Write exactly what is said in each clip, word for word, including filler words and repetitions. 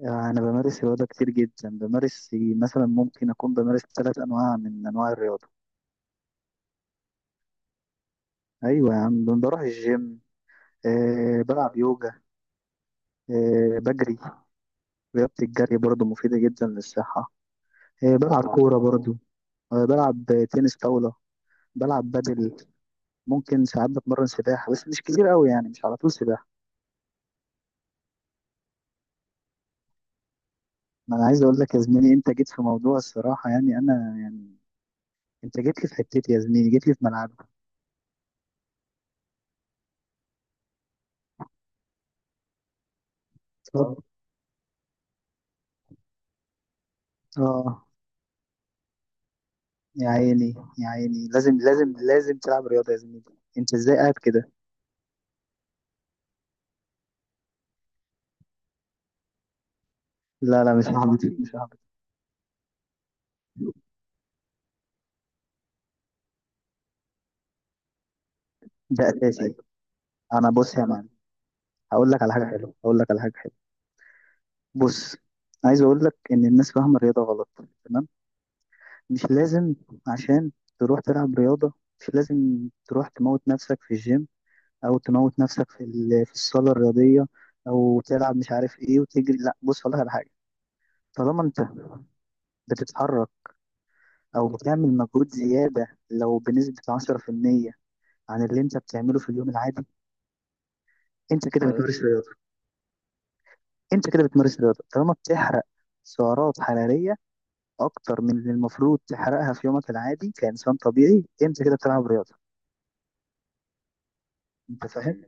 أنا بمارس رياضة كتير جدا، بمارس مثلا، ممكن أكون بمارس ثلاث أنواع من أنواع الرياضة. أيوة يا عم، بروح الجيم. أه، بلعب يوجا. أه، بجري. رياضة الجري برضو مفيدة جدا للصحة. أه، بلعب كورة برضو. أه، بلعب تنس طاولة. بلعب بدل. ممكن ساعات بتمرن سباحة، بس مش كتير قوي، يعني مش على طول سباحة. ما أنا عايز أقول لك يا زميلي، أنت جيت في موضوع الصراحة، يعني أنا يعني، أنت جيت لي في حتتي يا زميلي، جيت لي في ملعبي. اتفضل. اه، يا عيني يا عيني، لازم لازم لازم تلعب رياضة يا زميلي. انت ازاي قاعد كده؟ لا لا، مش ههبط، مش ههبط. ده اساسي. انا بص يا معلم، هقول لك على حاجة حلوة، هقول لك على حاجة حلوة. بص، عايز اقول لك ان الناس فاهمة الرياضة غلط. تمام. مش لازم عشان تروح تلعب رياضة، مش لازم تروح تموت نفسك في الجيم، او تموت نفسك في ال- في الصالة الرياضية، او تلعب مش عارف ايه وتجري. لا بص، هقول لك على حاجة. طالما انت بتتحرك، او بتعمل مجهود زيادة لو بنسبة عشرة في المية عن اللي انت بتعمله في اليوم العادي، انت كده بتمارس خلاص رياضه. انت كده بتمارس رياضه طالما بتحرق سعرات حراريه اكتر من اللي المفروض تحرقها في يومك العادي كانسان طبيعي، انت كده بتلعب رياضه. انت فاهم؟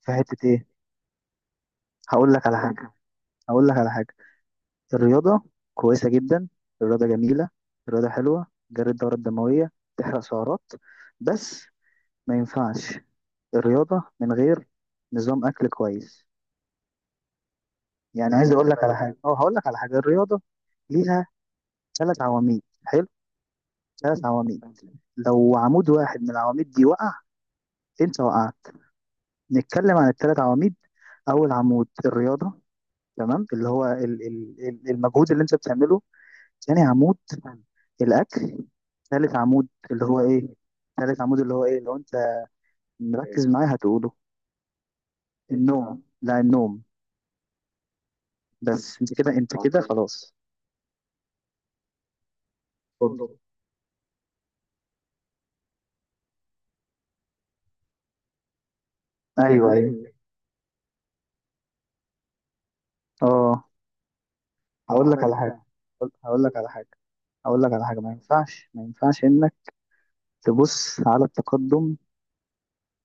في حته ايه؟ هقول لك على حاجه، هقول لك على حاجه. الرياضه كويسه جدا. الرياضه جميله. الرياضه حلوه، جري الدوره الدمويه، تحرق سعرات. بس ما ينفعش الرياضه من غير نظام اكل كويس. يعني عايز اقول لك على حاجه، اه هقول لك على حاجه، الرياضه ليها ثلاث عواميد. حلو. ثلاث عواميد. لو عمود واحد من العواميد دي وقع، انت وقعت. نتكلم عن الثلاث عواميد. اول عمود الرياضه، تمام، اللي هو ال- ال- ال- المجهود اللي انت بتعمله. ثاني عمود الاكل. ثالث عمود اللي هو ايه؟ ثالث عمود اللي هو ايه؟ لو انت مركز معايا هتقوله. النوم. لا، النوم. بس انت كده، انت كده خلاص. ايوه ايوه. اه، هقول لك على حاجه، هقول لك على حاجه، هقول لك على حاجه. ما ينفعش، ما ينفعش تبص على التقدم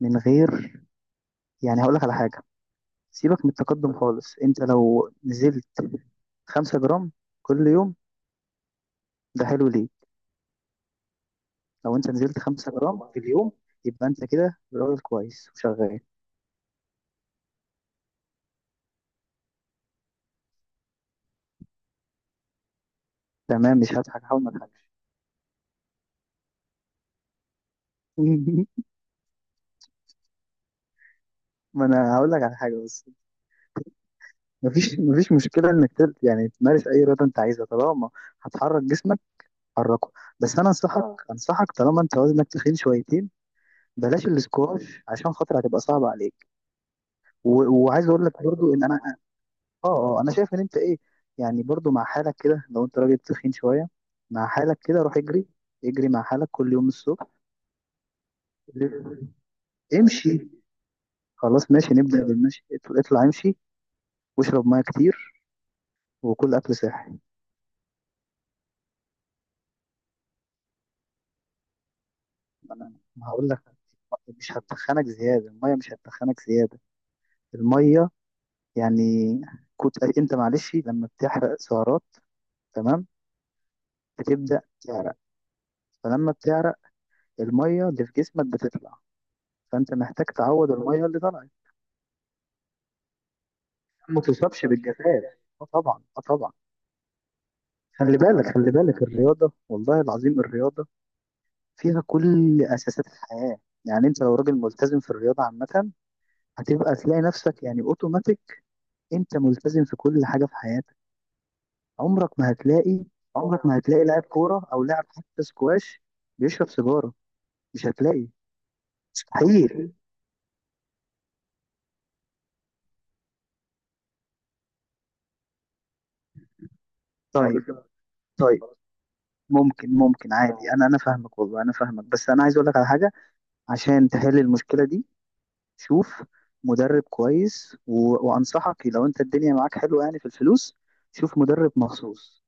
من غير، يعني هقول لك على حاجة، سيبك من التقدم خالص. انت لو نزلت خمسة جرام كل يوم، ده حلو ليه. لو انت نزلت خمسة جرام في اليوم، يبقى انت كده راجل كويس وشغال. تمام، مش هضحك، هحاول ما اضحكش. ما انا هقول لك على حاجة. بس مفيش مفيش مشكلة انك تل- يعني تمارس اي رياضة انت عايزها، طالما هتحرك جسمك حركه. بس انا انصحك، انصحك، طالما انت وزنك تخين شويتين، بلاش الاسكواش عشان خاطر هتبقى صعبة عليك. و- وعايز اقول لك برضو ان انا، اه اه انا شايف ان انت ايه، يعني برضو مع حالك كده لو انت راجل تخين شويه، مع حالك كده روح اجري. اجري مع حالك كل يوم الصبح. امشي. خلاص، ماشي، نبدا بالمشي. اطلع اطلع، امشي. واشرب ميه كتير، وكل اكل صحي. انا ما هقول لك، مش هتخنك زياده، الميه مش هتخنك زياده. الميه يعني، كنت انت معلش، لما بتحرق سعرات، تمام، بتبدا تعرق، فلما بتعرق الميه اللي في جسمك بتطلع، فانت محتاج تعوض الميه اللي طلعت. ما تصابش بالجفاف. اه طبعا، اه طبعا. خلي بالك، خلي بالك، الرياضه والله العظيم الرياضه فيها كل اساسات الحياه. يعني انت لو راجل ملتزم في الرياضه عامه، هتبقى تلاقي نفسك يعني اوتوماتيك انت ملتزم في كل حاجه في حياتك. عمرك ما هتلاقي، عمرك ما هتلاقي لاعب كوره او لاعب حتى سكواش بيشرب سيجاره. مش هتلاقي. مستحيل. طيب. طيب. ممكن ممكن عادي، انا انا فاهمك، والله انا فاهمك، بس انا عايز اقول لك على حاجه عشان تحل المشكله دي. شوف مدرب كويس و... وانصحك لو انت الدنيا معاك حلوه يعني في الفلوس، شوف مدرب مخصوص.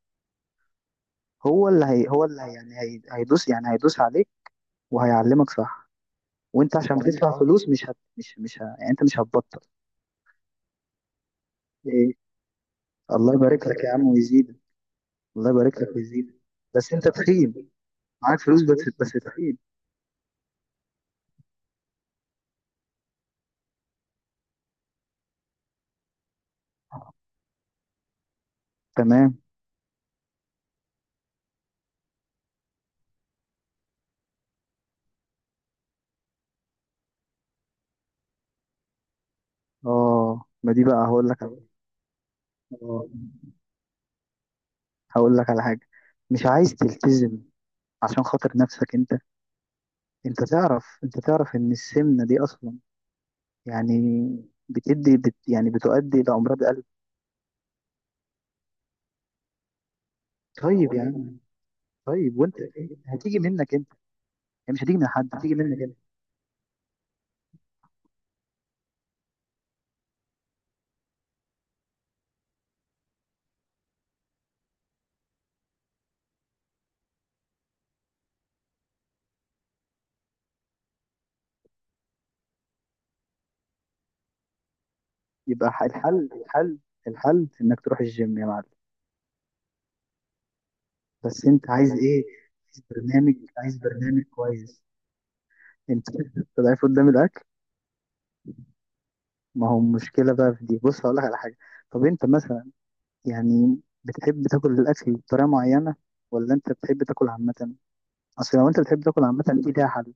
هو اللي هي هو اللي هي يعني هي... هيدوس، يعني هيدوس عليك وهيعلمك صح. وانت عشان بتدفع فلوس، مش هت... مش مش ه... يعني انت مش هتبطل. ايه؟ الله يبارك لك يا عم ويزيد. الله يبارك لك ويزيد، بس انت تخين. معاك فلوس، بس بس تخين. تمام. اه ما دي بقى هقول لك على- اه هقول لك على حاجه. مش عايز تلتزم عشان خاطر نفسك انت؟ انت تعرف، انت تعرف ان السمنه دي اصلا يعني بتدي بت يعني بتؤدي الى امراض قلب. طيب يا عم، طيب، وانت إيه؟ هتيجي منك انت، هي مش هتيجي من حد، هتيجي منك. يبقى ح- الحل، الحل، الحل انك تروح الجيم يا معلم. بس انت عايز ايه؟ عايز برنامج، عايز برنامج كويس. انت ضعيف قدام الاكل. ما هو المشكله بقى في دي. بص هقول لك على حاجه، طب انت مثلا يعني بتحب تاكل الاكل بطريقه معينه ولا انت بتحب تاكل عامه؟ اصل لو انت بتحب تاكل عامه دي ليها حل.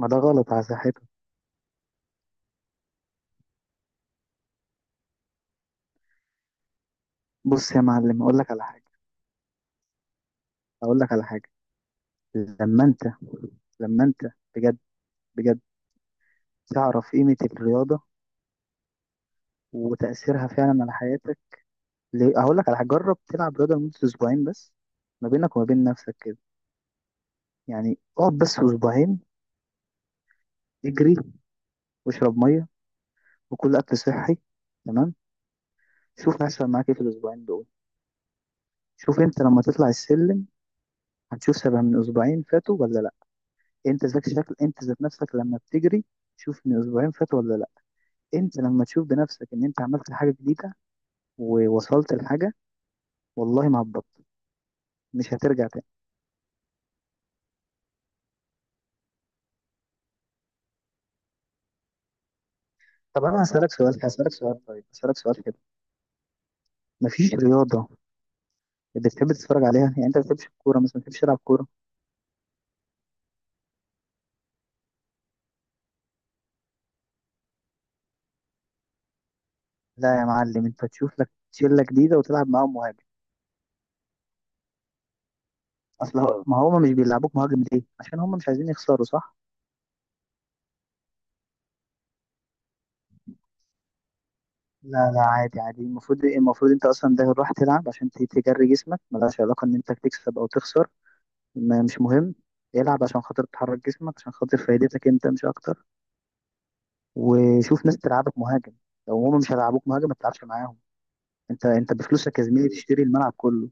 ما ده غلط على صحته. بص يا معلم، اقول لك على حاجه، اقول لك على حاجه، لما انت لما انت بجد، بجد تعرف قيمه الرياضه وتاثيرها فعلا على حياتك، ليه- هقول لك على حاجه، جرب تلعب رياضه لمده اسبوعين بس، ما بينك وما بين نفسك كده، يعني اقعد بس اسبوعين. اجري، واشرب ميه، وكل اكل صحي، تمام؟ شوف هيحصل معاك ايه في الاسبوعين دول. شوف انت لما تطلع السلم، هتشوف سبع من اسبوعين فاتوا ولا لا. انت ذات شكل، انت ذات نفسك لما بتجري، شوف من اسبوعين فاتوا ولا لا. انت لما تشوف بنفسك ان انت عملت حاجه جديده ووصلت لحاجه، والله ما هتبطل، مش هترجع تاني. طب انا هسالك سؤال، هسالك سؤال، طيب هسالك سؤال كده. مفيش رياضه بتحب تتفرج عليها؟ يعني انت ما بتحبش الكوره مثلا؟ ما بتحبش تلعب كوره؟ لا يا معلم، انت تشوف لك شله جديده وتلعب معاهم مهاجم. اصل هو- ما هم مش بيلعبوك مهاجم ليه؟ عشان هم مش عايزين يخسروا، صح؟ لا لا، عادي عادي، المفروض إيه، المفروض انت اصلا ده راح تلعب عشان ت- تجري جسمك، ملهاش علاقه ان انت تكسب او تخسر. ما مش مهم. العب عشان خاطر تحرك جسمك، عشان خاطر فايدتك انت مش اكتر. وشوف ناس تلعبك مهاجم. لو هم مش هيلعبوك مهاجم ما تلعبش معاهم. انت انت بفلوسك يا زميلي تشتري الملعب كله.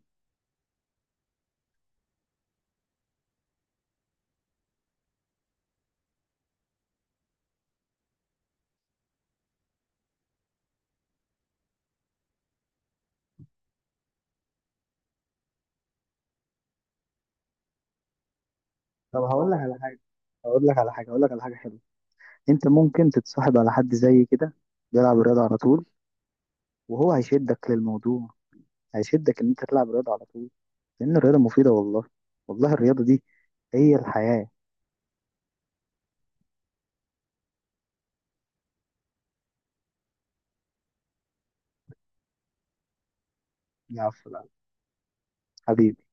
طب هقول لك على حاجه، هقول لك على حاجه، هقول لك على حاجه حلوه. انت ممكن تتصاحب على حد زي كده بيلعب رياضه على طول، وهو هيشدك للموضوع، هيشدك ان انت تلعب رياضه على طول. لان الرياضه مفيده والله. والله الرياضه دي هي الحياه. يا عفو، لا. حبيبي.